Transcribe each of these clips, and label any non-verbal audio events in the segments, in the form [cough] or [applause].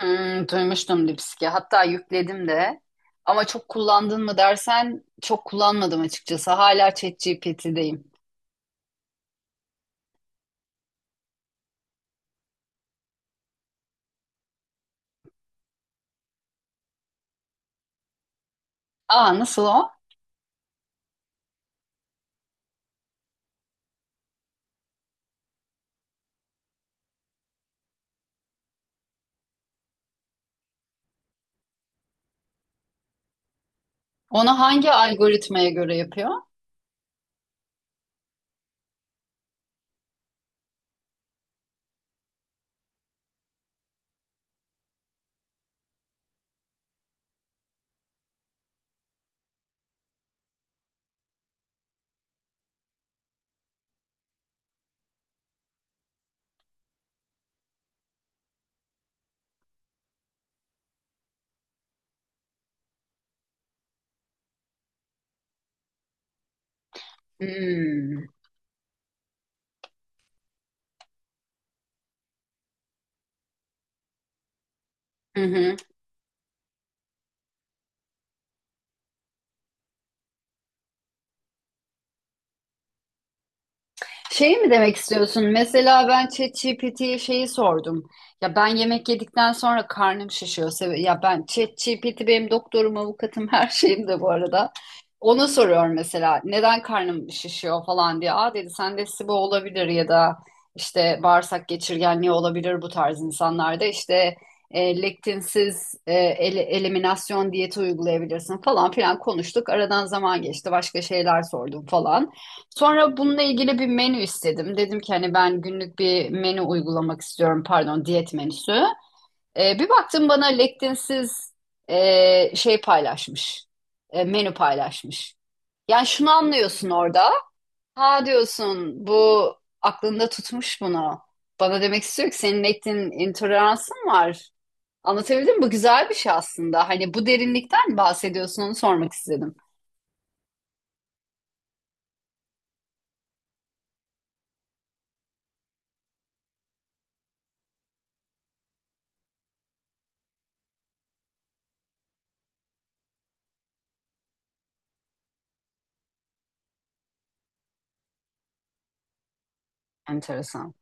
Hmm, duymuştum Lipski. Hatta yükledim de. Ama çok kullandın mı dersen çok kullanmadım açıkçası. Hala ChatGPT'deyim. Aa, nasıl o? Onu hangi algoritmaya göre yapıyor? Hmm. Hı hı. Şeyi mi demek istiyorsun? Mesela ben ChatGPT'ye şeyi sordum. Ya ben yemek yedikten sonra karnım şişiyor. Ya ben, ChatGPT benim doktorum, avukatım, [laughs] her şeyim de bu arada. Ona soruyorum mesela neden karnım şişiyor falan diye. Aa dedi sende SIBO olabilir ya da işte bağırsak geçirgenliği olabilir bu tarz insanlarda. İşte lektinsiz eliminasyon diyeti uygulayabilirsin falan filan konuştuk. Aradan zaman geçti, başka şeyler sordum falan. Sonra bununla ilgili bir menü istedim. Dedim ki hani ben günlük bir menü uygulamak istiyorum. Pardon, diyet menüsü. Bir baktım bana lektinsiz şey paylaşmış. Menü paylaşmış. Yani şunu anlıyorsun orada. Ha, diyorsun, bu aklında tutmuş bunu. Bana demek istiyor ki senin lektin intoleransın var. Anlatabildim mi? Bu güzel bir şey aslında. Hani bu derinlikten bahsediyorsun, onu sormak istedim. Enteresan.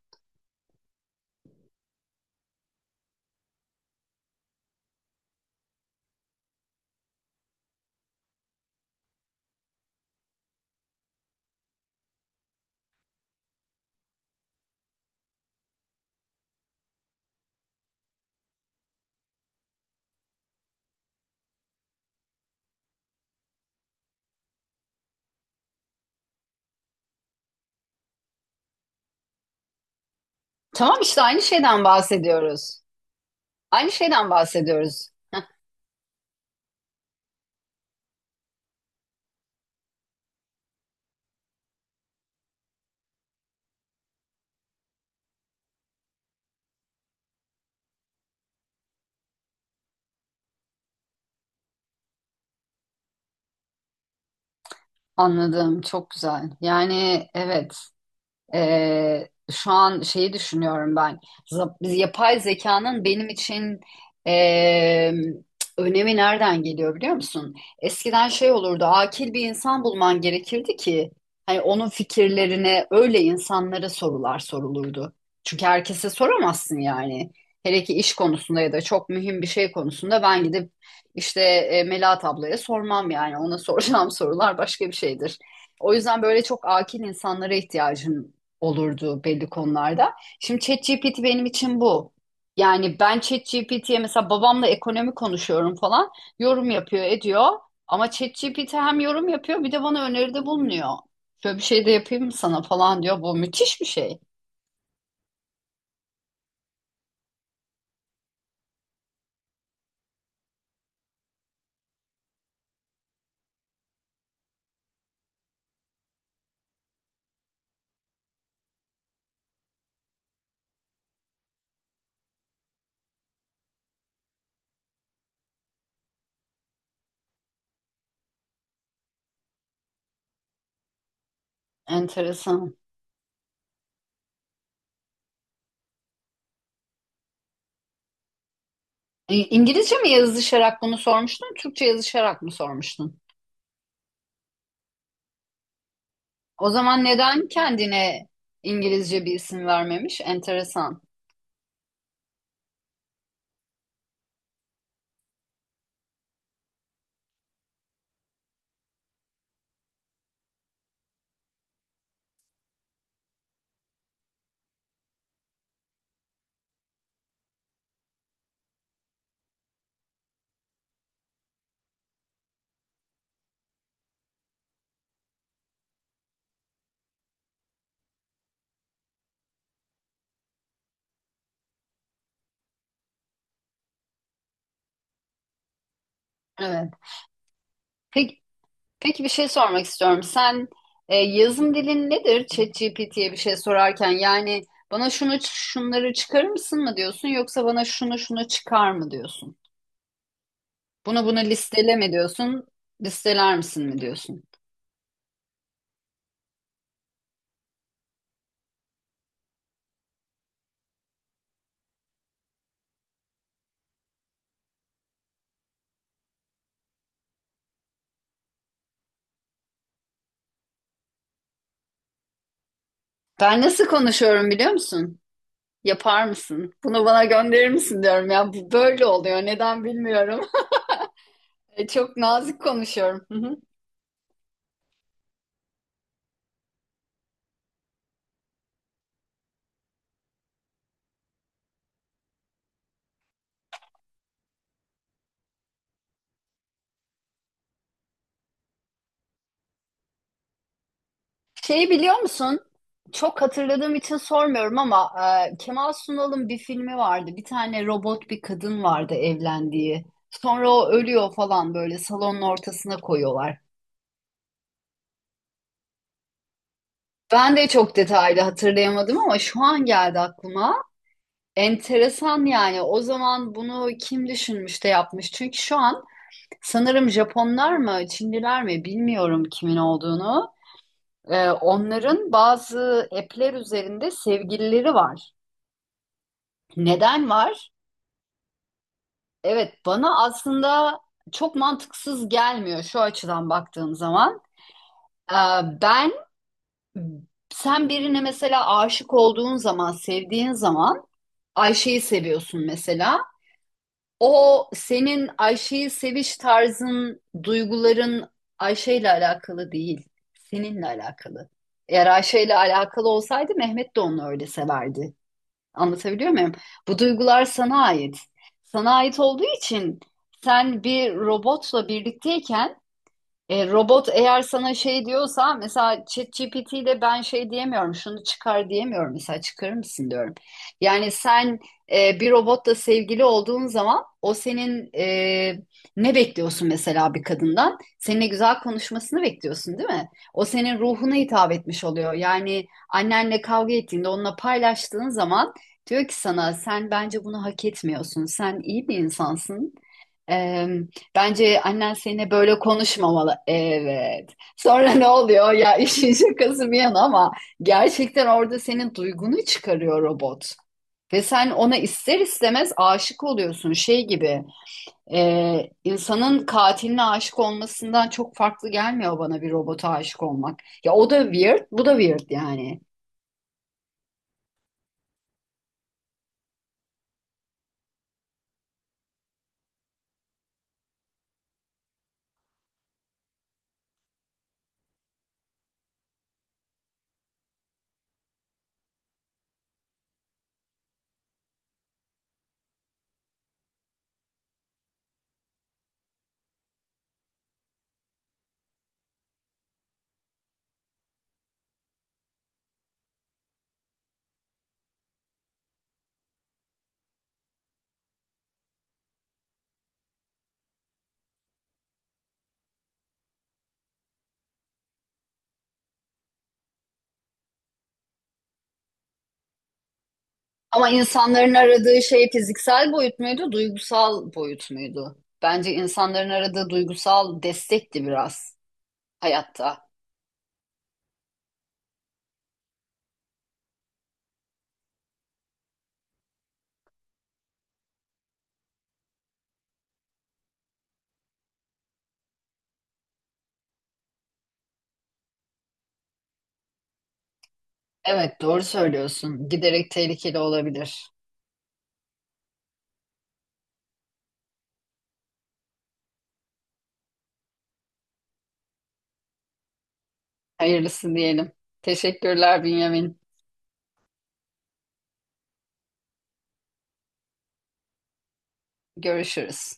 Tamam, işte aynı şeyden bahsediyoruz. Aynı şeyden bahsediyoruz. Anladım. Çok güzel. Yani evet. Şu an şeyi düşünüyorum ben. Yapay zekanın benim için eee, önemi nereden geliyor biliyor musun? Eskiden şey olurdu, akil bir insan bulman gerekirdi ki hani onun fikirlerine, öyle insanlara sorular sorulurdu. Çünkü herkese soramazsın yani. Hele ki iş konusunda ya da çok mühim bir şey konusunda ben gidip işte Melahat ablaya sormam yani. Ona soracağım [laughs] sorular başka bir şeydir. O yüzden böyle çok akil insanlara ihtiyacın olurdu belli konularda. Şimdi ChatGPT benim için bu. Yani ben ChatGPT'ye, mesela babamla ekonomi konuşuyorum falan, yorum yapıyor ediyor. Ama ChatGPT hem yorum yapıyor bir de bana öneride bulunuyor. Şöyle bir şey de yapayım mı sana falan diyor. Bu müthiş bir şey. Enteresan. İngilizce mi yazışarak bunu sormuştun, Türkçe yazışarak mı sormuştun? O zaman neden kendine İngilizce bir isim vermemiş? Enteresan. Evet. Peki, peki bir şey sormak istiyorum. Sen yazım dilin nedir? ChatGPT'ye bir şey sorarken yani bana şunu şunları çıkarır mısın mı diyorsun, yoksa bana şunu şunu çıkar mı diyorsun? Bunu bunu listele mi diyorsun? Listeler misin mi diyorsun? Ben nasıl konuşuyorum biliyor musun? Yapar mısın? Bunu bana gönderir misin diyorum ya. Bu böyle oluyor. Neden bilmiyorum. [laughs] Çok nazik konuşuyorum. [laughs] Şeyi biliyor musun? Çok hatırladığım için sormuyorum ama Kemal Sunal'ın bir filmi vardı. Bir tane robot bir kadın vardı evlendiği. Sonra o ölüyor falan, böyle salonun ortasına koyuyorlar. Ben de çok detaylı hatırlayamadım ama şu an geldi aklıma. Enteresan yani. O zaman bunu kim düşünmüş de yapmış? Çünkü şu an sanırım Japonlar mı, Çinliler mi, bilmiyorum kimin olduğunu. Onların bazı app'ler üzerinde sevgilileri var. Neden var? Evet, bana aslında çok mantıksız gelmiyor şu açıdan baktığım zaman. Ee, Ben, sen birine mesela aşık olduğun zaman, sevdiğin zaman, Ayşe'yi seviyorsun mesela. O senin Ayşe'yi seviş tarzın, duyguların Ayşe'yle alakalı değil, seninle alakalı. Eğer Ayşe'yle alakalı olsaydı Mehmet de onu öyle severdi. Anlatabiliyor muyum? Bu duygular sana ait. Sana ait olduğu için sen bir robotla birlikteyken, robot eğer sana şey diyorsa, mesela ChatGPT ile ben şey diyemiyorum, şunu çıkar diyemiyorum mesela, çıkarır mısın diyorum. Yani sen bir robotla sevgili olduğun zaman o senin, ne bekliyorsun mesela bir kadından? Seninle güzel konuşmasını bekliyorsun değil mi? O senin ruhuna hitap etmiş oluyor. Yani annenle kavga ettiğinde onunla paylaştığın zaman diyor ki sana, sen bence bunu hak etmiyorsun. Sen iyi bir insansın. Bence annen seninle böyle konuşmamalı. Evet. Sonra ne oluyor? Ya, [laughs] işin şakası bir yana ama gerçekten orada senin duygunu çıkarıyor robot. Ve sen ona ister istemez aşık oluyorsun. Şey gibi, insanın katiline aşık olmasından çok farklı gelmiyor bana bir robota aşık olmak. Ya o da weird, bu da weird yani. Ama insanların aradığı şey fiziksel boyut muydu, duygusal boyut muydu? Bence insanların aradığı duygusal destekti biraz. Hayatta. Evet, doğru söylüyorsun. Giderek tehlikeli olabilir. Hayırlısı diyelim. Teşekkürler Bünyamin. Görüşürüz.